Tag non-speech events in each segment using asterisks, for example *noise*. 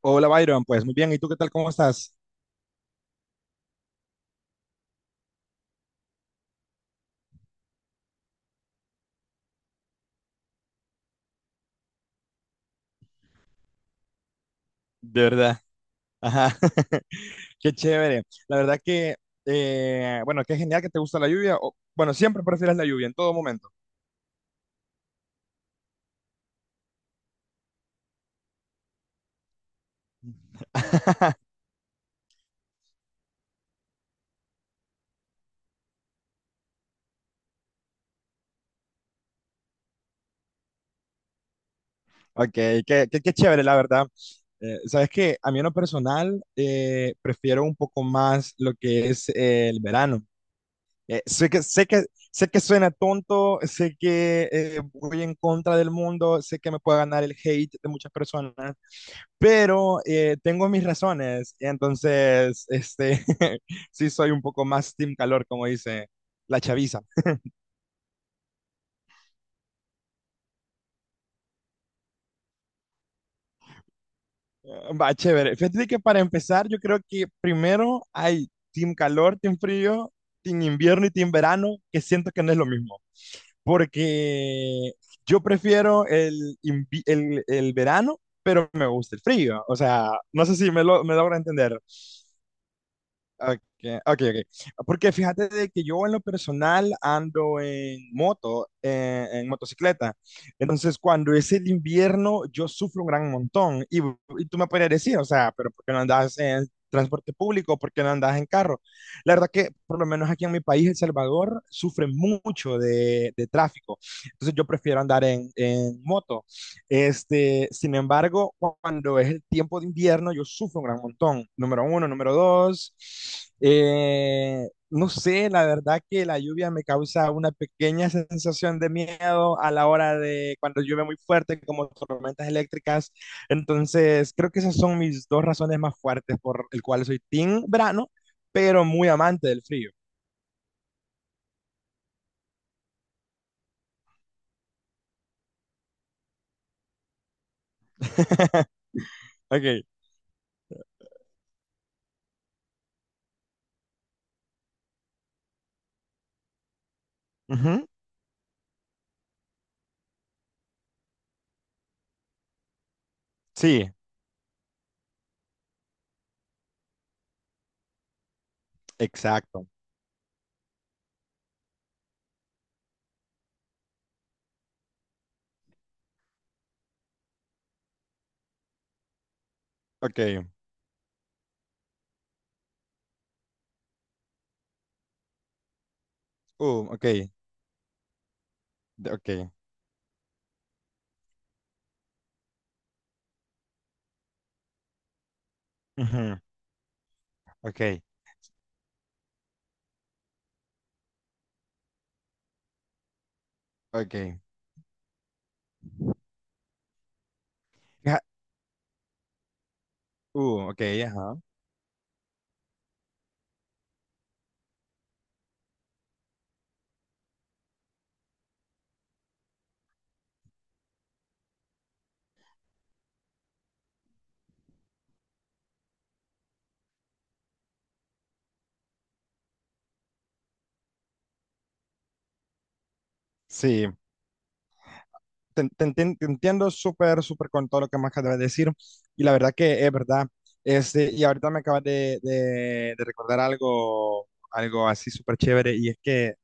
Hola Byron, pues muy bien, ¿y tú qué tal? ¿Cómo estás? De verdad, ajá, *laughs* qué chévere. La verdad que, bueno, qué genial que te gusta la lluvia. Bueno, siempre prefieres la lluvia, en todo momento. *laughs* Ok, qué chévere, la verdad. Sabes que a mí en lo personal prefiero un poco más lo que es el verano. Eh, sé que, sé que, sé que suena tonto, sé que voy en contra del mundo, sé que me puede ganar el hate de muchas personas, pero tengo mis razones, entonces, *laughs* sí soy un poco más team calor, como dice la chaviza. Eh, Va, chévere. Fíjate que para empezar, yo creo que primero hay team calor, team frío, team invierno y team verano, que siento que no es lo mismo, porque yo prefiero el verano, pero me gusta el frío, o sea, no sé si me logro entender. Ok, ok. Porque fíjate de que yo en lo personal ando en moto, en motocicleta. Entonces, cuando es el invierno, yo sufro un gran montón. Y tú me podrías decir, o sea, pero ¿por qué no andas en transporte público? ¿Por qué no andas en carro? La verdad que, por lo menos aquí en mi país, El Salvador, sufre mucho de tráfico. Entonces, yo prefiero andar en moto. Sin embargo, cuando es el tiempo de invierno, yo sufro un gran montón. Número uno, número dos, no sé, la verdad que la lluvia me causa una pequeña sensación de miedo a la hora de cuando llueve muy fuerte, como tormentas eléctricas. Entonces, creo que esas son mis dos razones más fuertes por el cual soy team verano, pero muy amante del frío. *laughs* Ok. Ujú. Sí, exacto. Ok. Ok. Ok. Ujú. Ok. Ok. Ja- ok, ajá. Sí, te entiendo súper, súper con todo lo que me acabas de decir. Y la verdad que es verdad. Y ahorita me acabas de recordar algo, algo así súper chévere. Y es que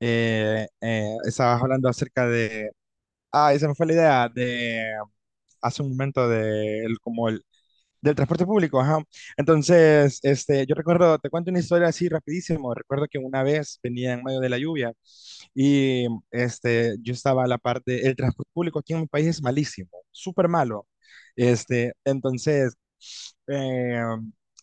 estabas hablando acerca de. Ah, esa me fue la idea de hace un momento de, el- como el, del transporte público, ajá. Entonces, yo recuerdo, te cuento una historia así rapidísimo. Recuerdo que una vez venía en medio de la lluvia. Y yo estaba a la parte, el transporte público aquí en mi país es malísimo, súper malo. Este, entonces eh,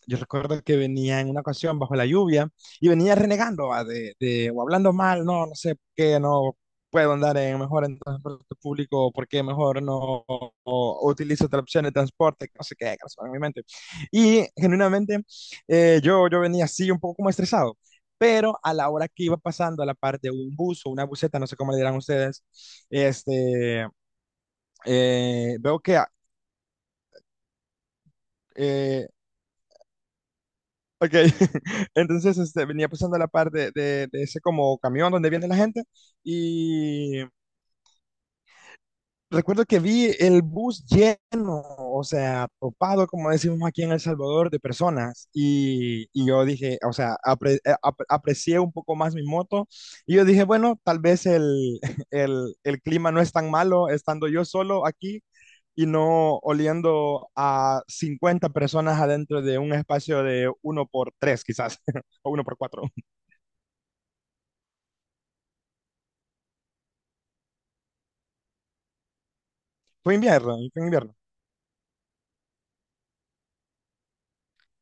yo recuerdo que venía en una ocasión bajo la lluvia y venía renegando va, o hablando mal, no, no sé por qué no puedo andar en mejor en transporte público, por qué mejor no o utilizo otra opción de transporte, que no sé qué, que no sé, en mi mente. Y genuinamente yo venía así un poco como estresado, pero a la hora que iba pasando a la parte de un bus o una buseta, no sé cómo le dirán ustedes, este, veo que... eh, Ok, *laughs* entonces venía pasando a la par de ese como camión donde viene la gente y recuerdo que vi el bus lleno, o sea, topado, como decimos aquí en El Salvador, de personas y yo dije, o sea, aprecié un poco más mi moto y yo dije, bueno, tal vez *laughs* el clima no es tan malo estando yo solo aquí. Y no oliendo a 50 personas adentro de un espacio de uno por tres, quizás, *laughs* o uno por cuatro. Fue invierno, y fue invierno.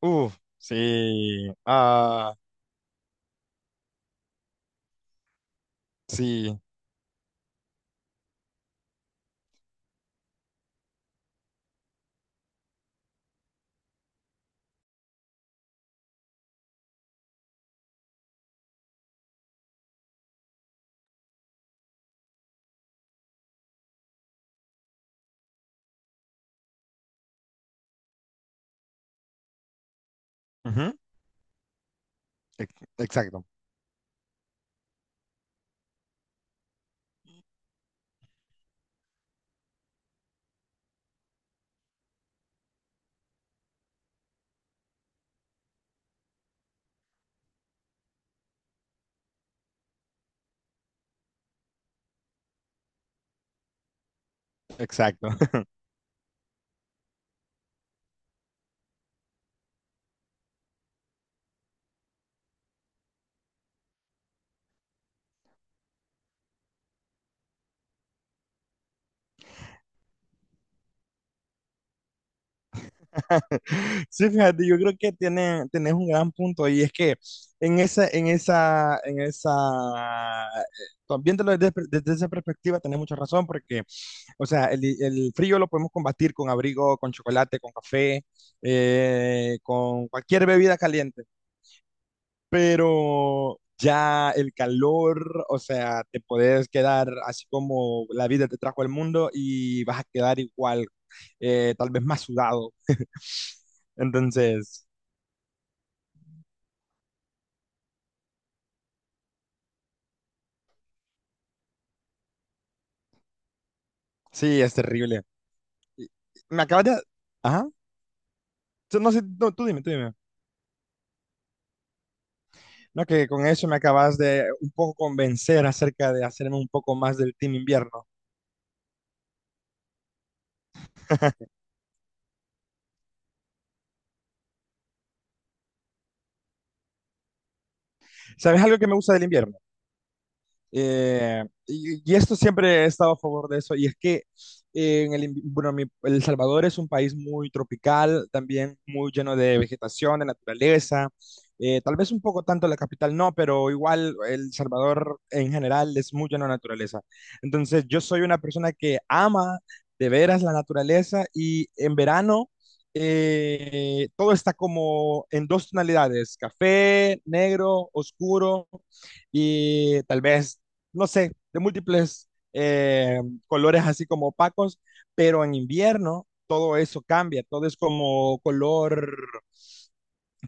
Uf, sí. Ah, sí. Ujú. Exacto, exacto. *laughs* Sí, fíjate, yo creo que tiene, tenés un gran punto y es que en esa, también desde, desde esa perspectiva tenés mucha razón porque, o sea, el frío lo podemos combatir con abrigo, con chocolate, con café, con cualquier bebida caliente. Pero ya el calor, o sea, te puedes quedar así como la vida te trajo al mundo y vas a quedar igual, tal vez más sudado. Entonces, sí, es terrible. Y- Me acabas de... Ajá. No sé, no, tú dime, tú dime. No, que con eso me acabas de un poco convencer acerca de hacerme un poco más del team invierno. *laughs* ¿Sabes algo que me gusta del invierno? Y esto siempre he estado a favor de eso, y es que bueno, El Salvador es un país muy tropical, también muy lleno de vegetación, de naturaleza, tal vez un poco tanto la capital no, pero igual El Salvador en general es muy lleno de naturaleza. Entonces yo soy una persona que ama de veras la naturaleza y en verano todo está como en dos tonalidades, café, negro, oscuro y tal vez no sé, de múltiples colores así como opacos, pero en invierno todo eso cambia, todo es como color,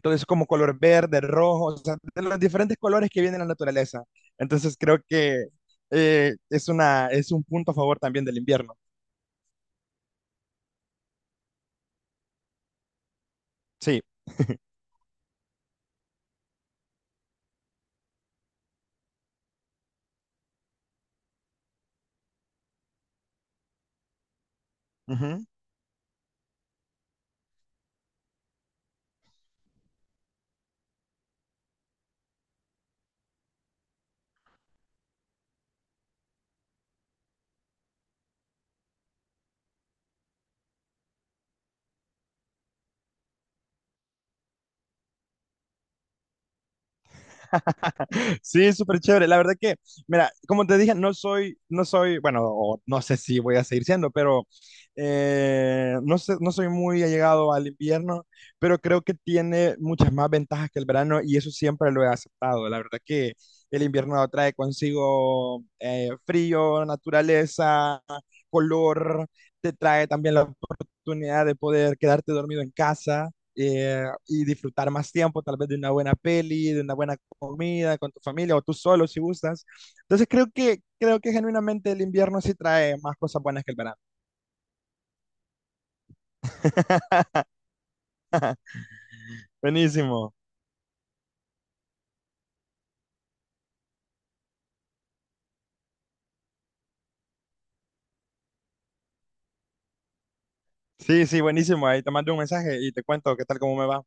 todo es como color verde, rojo, o sea, de los diferentes colores que viene en la naturaleza. Entonces creo que es una, es un punto a favor también del invierno. Sí. Ujú. *laughs* Sí, súper chévere. La verdad que, mira, como te dije, no soy, bueno, o no sé si voy a seguir siendo, pero no sé, no soy muy allegado al invierno, pero creo que tiene muchas más ventajas que el verano y eso siempre lo he aceptado. La verdad que el invierno trae consigo frío, naturaleza, color, te trae también la oportunidad de poder quedarte dormido en casa y disfrutar más tiempo, tal vez de una buena peli, de una buena comida con tu familia o tú solo si gustas. Entonces creo que genuinamente el invierno sí trae más cosas buenas que el verano. Buenísimo. Sí, sí, buenísimo. Ahí te mando un mensaje y te cuento qué tal, cómo me va.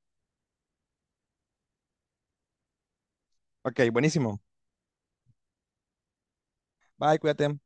Ok, buenísimo. Bye, cuídate.